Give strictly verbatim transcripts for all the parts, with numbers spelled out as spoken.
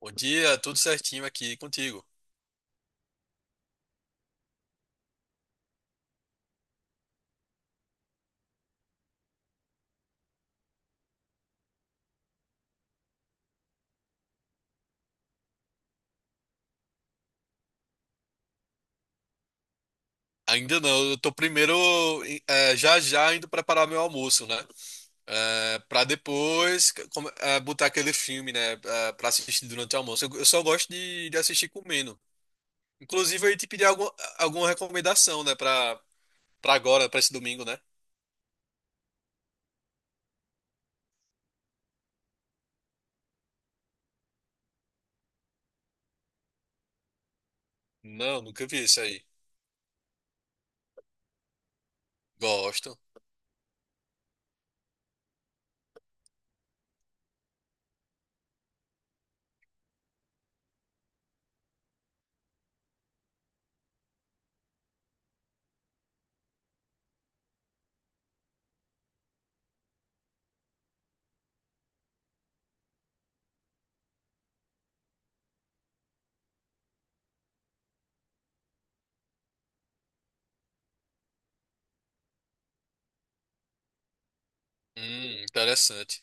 Bom dia, tudo certinho aqui contigo. Ainda não, eu tô primeiro eh, já já indo preparar meu almoço, né? Eh, Pra depois come- eh, Botar aquele filme, né? eh, Pra assistir durante o almoço. Eu, eu só gosto de, de assistir comendo. Inclusive, eu ia te pedir algum, alguma recomendação, né? Pra, pra agora, pra esse domingo, né? Não, nunca vi isso aí. Gosto. Hum, interessante.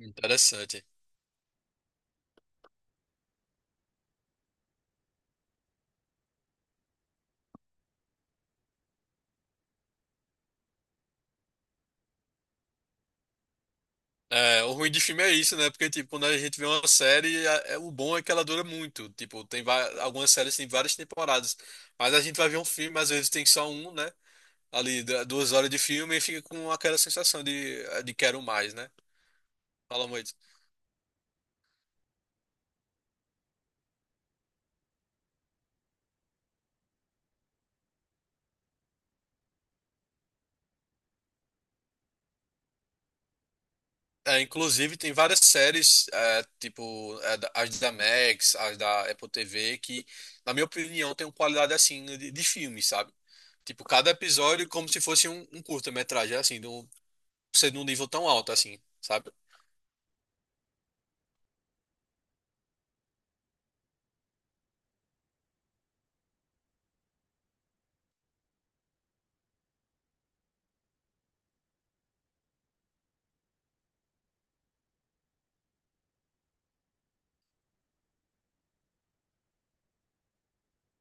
Interessante. É, o ruim de filme é isso, né? Porque, tipo, quando a gente vê uma série, a- é- o bom é que ela dura muito. Tipo, tem va- algumas séries têm várias temporadas. Mas a gente vai ver um filme, às vezes tem só um, né? Ali, du- duas horas de filme e fica com aquela sensação de, é, de quero mais, né? Fala muito. É, inclusive, tem várias séries, é, tipo, é, da- as da Max, as da Apple T V, que, na minha opinião, tem uma qualidade assim de, de filme, sabe? Tipo, cada episódio é como se fosse um, um curta-metragem, assim, de um, ser de um nível tão alto, assim, sabe?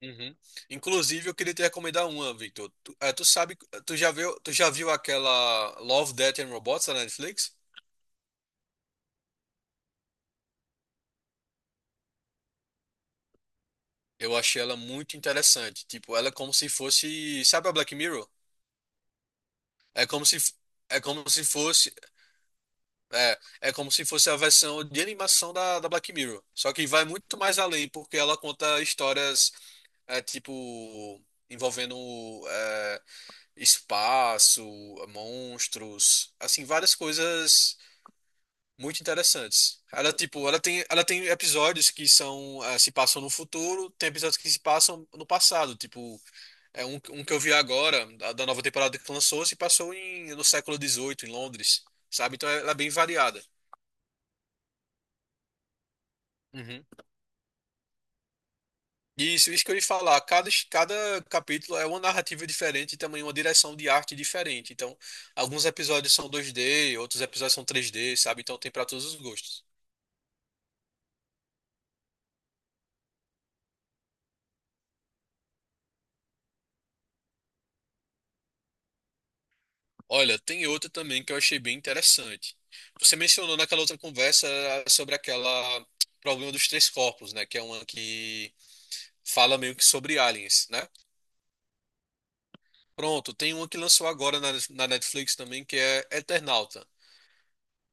Uhum. Inclusive, eu queria te recomendar uma, Victor. Tu, eh, tu sabe, tu já viu, tu já viu aquela Love, Death and Robots da Netflix? Eu achei ela muito interessante. Tipo, ela é como se fosse, sabe a Black Mirror? É como se, é como se fosse É, é como se fosse a versão de animação da, da Black Mirror. Só que vai muito mais além, porque ela conta histórias, é, tipo, envolvendo é, espaço, monstros, assim, várias coisas muito interessantes. Ela, tipo, ela tem, ela tem episódios que são, é, se passam no futuro, tem episódios que se passam no passado, tipo, é um, um que eu vi agora, da, da nova temporada que lançou, se passou em, no século dezoito, em Londres, sabe? Então ela é bem variada. Uhum. Isso, isso que eu ia falar. Cada, es- cada capítulo é uma narrativa diferente e também uma direção de arte diferente. Então, alguns episódios são dois D, outros episódios são três D, sabe? Então tem para todos os gostos. Olha, tem outra também que eu achei bem interessante. Você mencionou naquela outra conversa eh, sobre aquela problema dos três corpos, né? Que é uma que fala meio que sobre aliens, né? Pronto, tem uma que lançou agora na, na Netflix também que é Eternauta.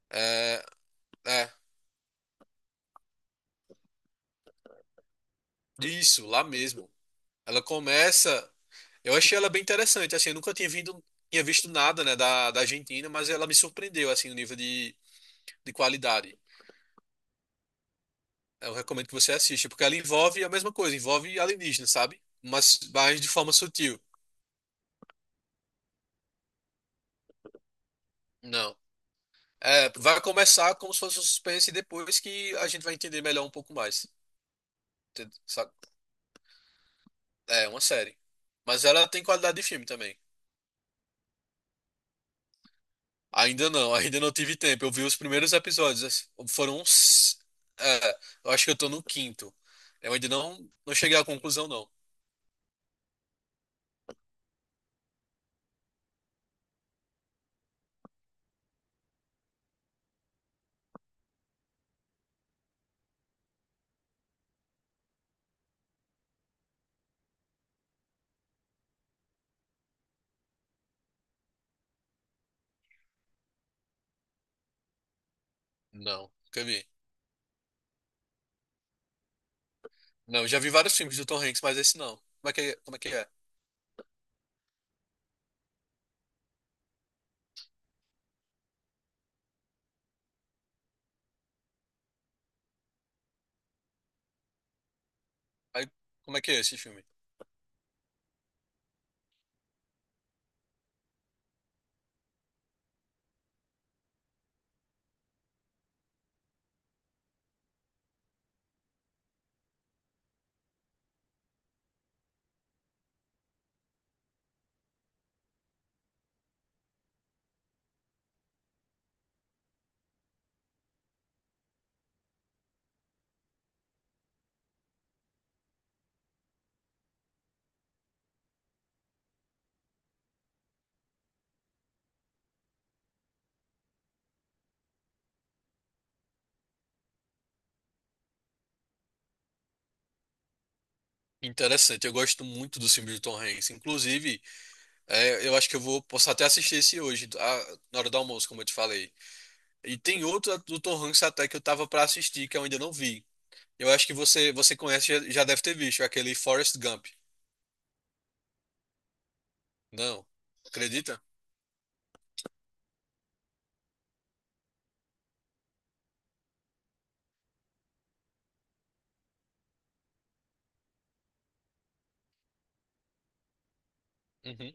É, é, isso, lá mesmo. Ela começa. Eu achei ela bem interessante, assim, eu nunca tinha vindo, tinha visto nada, né, da, da Argentina, mas ela me surpreendeu, assim, no nível de, de qualidade. Eu recomendo que você assista, porque ela envolve a mesma coisa, envolve alienígena, sabe? Mas, mas de forma sutil. Não. É, vai começar como se fosse um suspense e depois que a gente vai entender melhor um pouco mais. Entende? Sa- É uma série. Mas ela tem qualidade de filme também. Ainda não, ainda não tive tempo. Eu vi os primeiros episódios. as- Foram uns. É, eu acho que eu tô no quinto. Eu ainda não, não cheguei à conclusão, não. Não, nunca vi. Não, eu já vi vários filmes do Tom Hanks, mas esse não. Como é que é? Como é que é? Aí, como é que é esse filme? Interessante, eu gosto muito dos filmes do Tom Hanks. Inclusive, é, eu acho que eu vou posso até assistir esse hoje, a- na hora do almoço, como eu te falei. E tem outro do Tom Hanks até que eu tava pra assistir, que eu ainda não vi. Eu acho que você, você conhece, já, já deve ter visto, é aquele Forrest Gump. Não. Acredita? Uhum,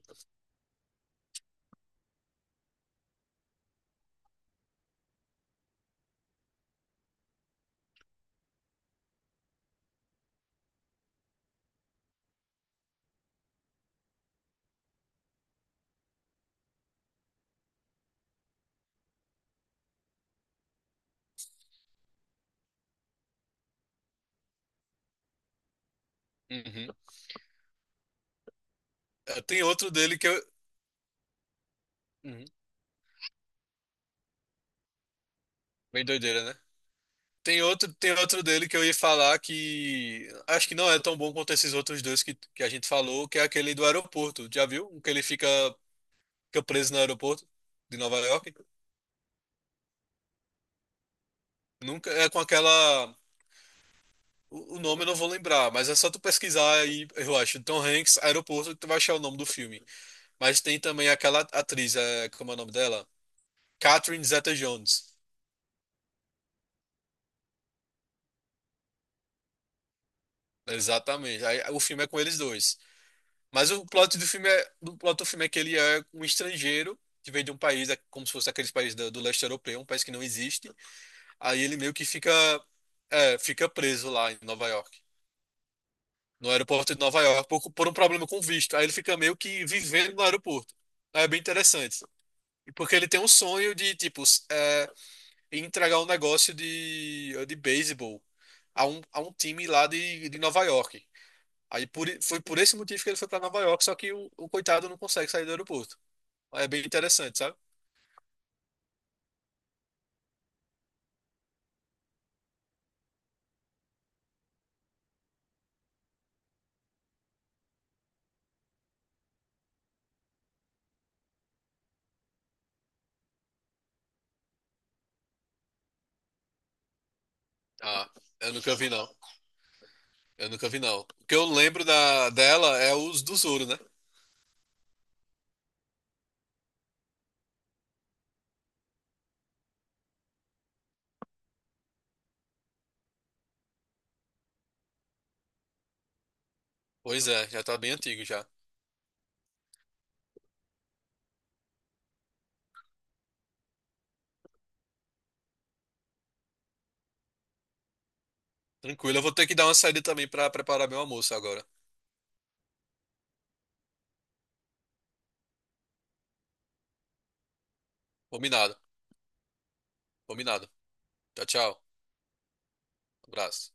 uhum. Eh, tem outro dele que eu. Uhum. Bem doideira, né? Tem outro, tem outro dele que eu ia falar que acho que não é tão bom quanto esses outros dois que, que a gente falou, que é aquele do aeroporto. Já viu? Um que ele fica, fica preso no aeroporto de Nova York. Nunca é com aquela. O o nome eu não vou lembrar, mas é só tu pesquisar aí, eu acho. Tom Hanks, aeroporto, que tu vai achar o nome do filme. Mas tem também aquela atriz, é, como é o nome dela? Catherine Zeta-Jones. Exatamente. Aí, o filme é com eles dois. Mas o plot do filme é, do plot do filme é que ele é um estrangeiro que vem de um país, é como se fosse aqueles países do, do leste europeu, um país que não existe. Aí ele meio que fica, é, fica preso lá em Nova York, no aeroporto de Nova York, por, por um problema com visto. Aí ele fica meio que vivendo no aeroporto. Aí é bem interessante. E porque ele tem um sonho de, tipo, s- é, entregar um negócio de, de beisebol a um, a um time lá de, de Nova York. Aí por i- foi por esse motivo que ele foi pra Nova York, só que o, o coitado não consegue sair do aeroporto. É bem interessante, sabe? Ah, eu nunca vi não. Eu nunca vi não. O que eu lembro da dela é os do Zoro, né? Pois é, já tá bem antigo já. Tranquilo, eu vou ter que dar uma saída também pra preparar meu almoço agora. Combinado, combinado. Tchau, tchau. Abraço.